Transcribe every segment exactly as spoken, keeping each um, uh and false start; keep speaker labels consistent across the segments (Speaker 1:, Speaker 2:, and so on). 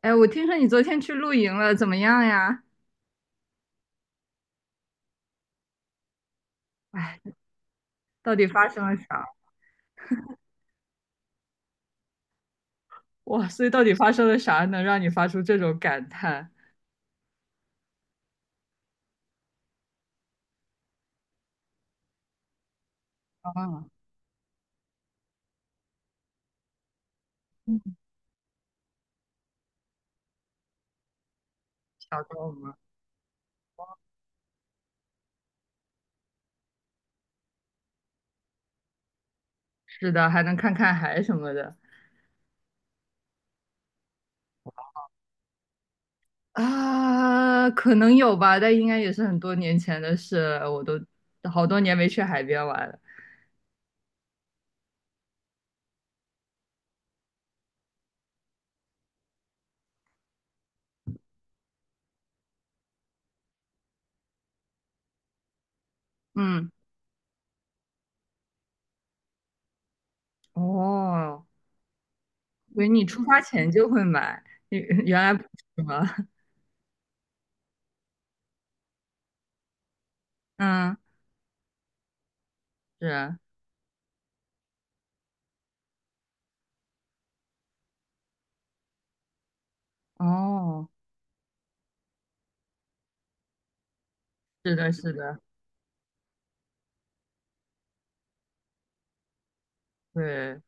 Speaker 1: 哎，我听说你昨天去露营了，怎么样呀？哎，到底发生了啥？哇，所以到底发生了啥，能让你发出这种感叹？啊，嗯小周吗？是的，还能看看海什么的。啊，可能有吧，但应该也是很多年前的事，我都好多年没去海边玩了。嗯，哦，所以为你出发前就会买，原原来不是吗？嗯，是啊，哦，是的，是的，对，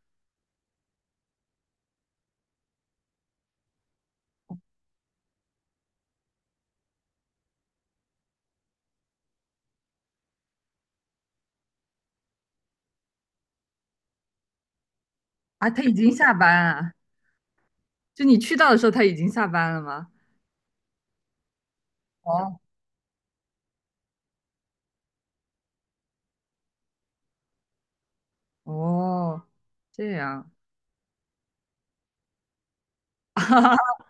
Speaker 1: 啊，他已经下班啊。就你去到的时候，他已经下班了吗？哦，哦，这样，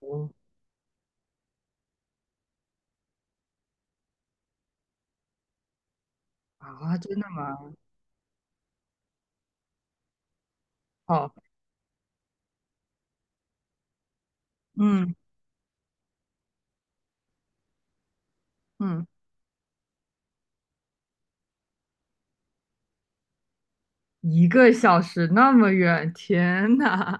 Speaker 1: 哦。啊，真的吗？好，嗯嗯，一个小时那么远，天呐，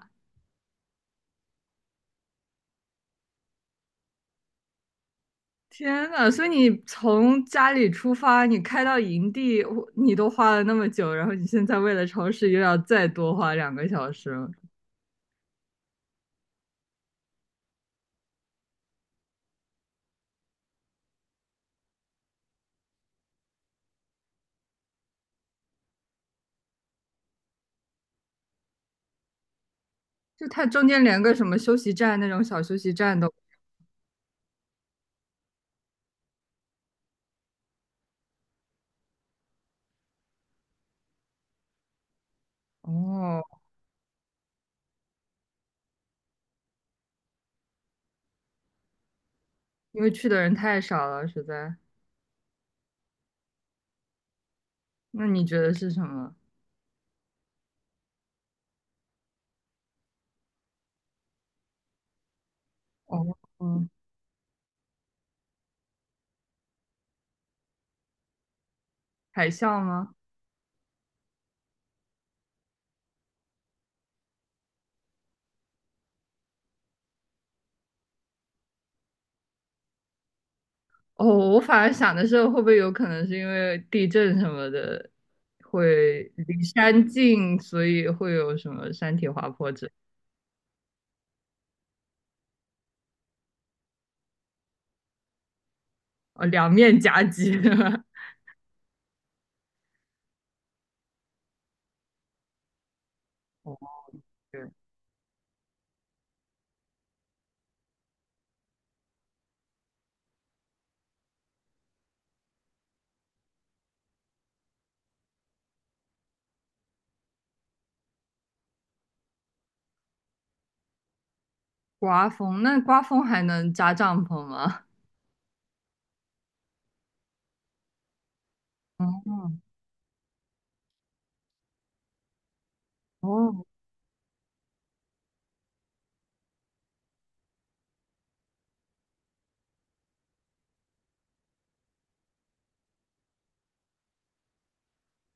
Speaker 1: 天呐！所以你从家里出发，你开到营地，你都花了那么久，然后你现在为了超市又要再多花两个小时了，就它中间连个什么休息站那种小休息站都，哦，因为去的人太少了，实在。那你觉得是什么？哦，嗯。海啸吗？哦，我反而想的是，会不会有可能是因为地震什么的，会离山近，所以会有什么山体滑坡之类哦，两面夹击。哦，对，刮风，那刮风还能扎帐篷吗？哦哦，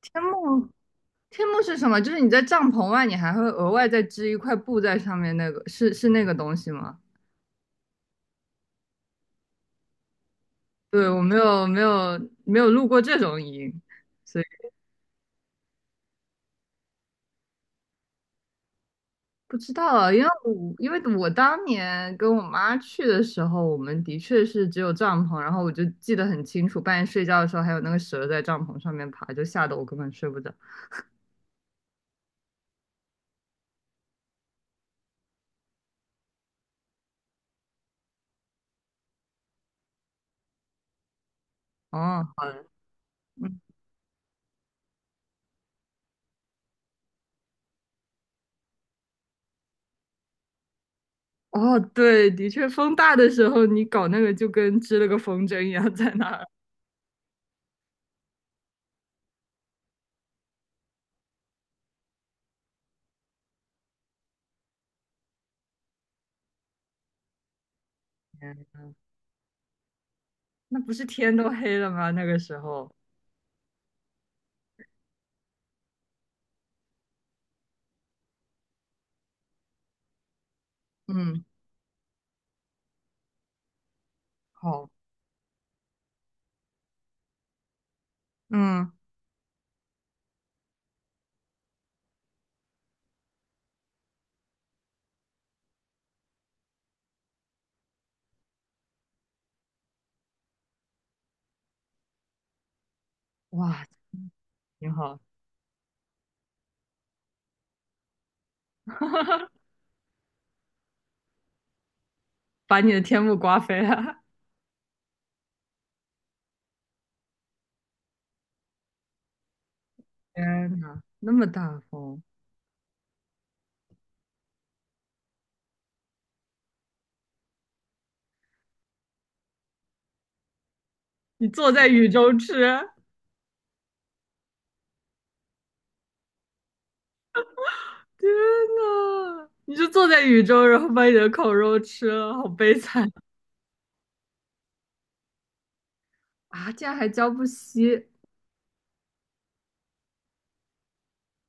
Speaker 1: 天幕，天幕是什么？就是你在帐篷外，你还会额外再织一块布在上面，那个是是那个东西吗？对，我没有没有没有露过这种营。不知道啊，因为我因为我当年跟我妈去的时候，我们的确是只有帐篷，然后我就记得很清楚，半夜睡觉的时候还有那个蛇在帐篷上面爬，就吓得我根本睡不着。哦，嗯哦，对，的确，风大的时候你搞那个就跟织了个风筝一样在那儿，天那不是天都黑了吗？那个时候，嗯，好，嗯，哇，挺好，把你的天幕刮飞了。天呐，那么大风，你坐在雨中吃。天呐，你就坐在雨中，然后把你的烤肉吃了，好悲惨啊！竟然还浇不熄。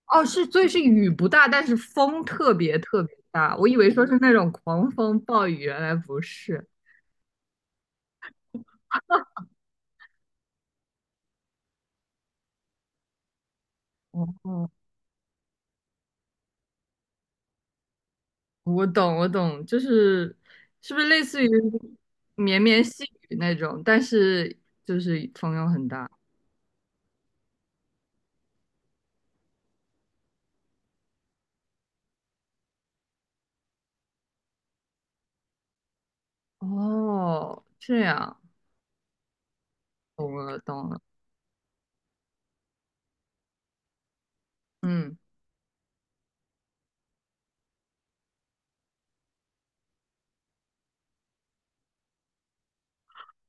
Speaker 1: 哦，是，所以是雨不大，但是风特别特别大。我以为说是那种狂风暴雨，原来不是。哦，哦我懂，我懂，就是是不是类似于绵绵细雨那种，但是就是风又很大。哦，这样，懂了，懂了。嗯，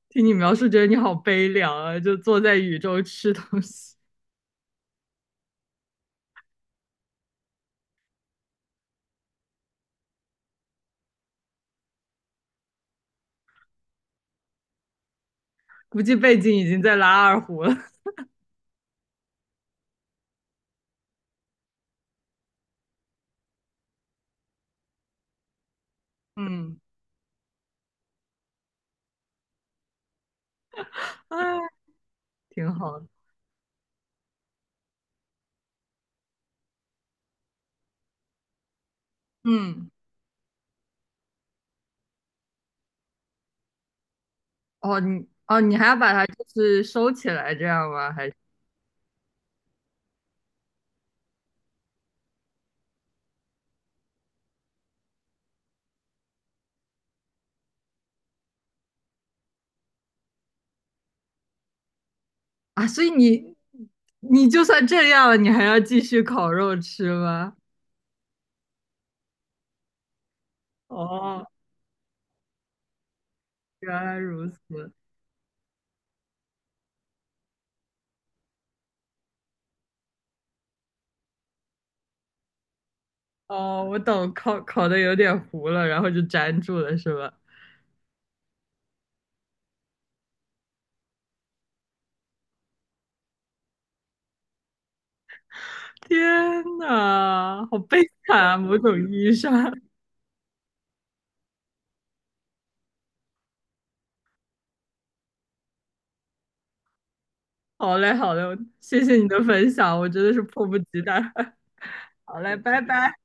Speaker 1: 听你描述，觉得你好悲凉啊，就坐在雨中吃东西。估计背景已经在拉二胡了，嗯哎，挺好的。嗯，哦，你哦，你还要把它就是收起来这样吗？还是啊？所以你你就算这样了，你还要继续烤肉吃吗？哦，原来如此。哦，我懂，烤烤的有点糊了，然后就粘住了，是吧？天呐，好悲惨啊！某种意义上，好嘞，好嘞，谢谢你的分享，我真的是迫不及待。好嘞，拜拜。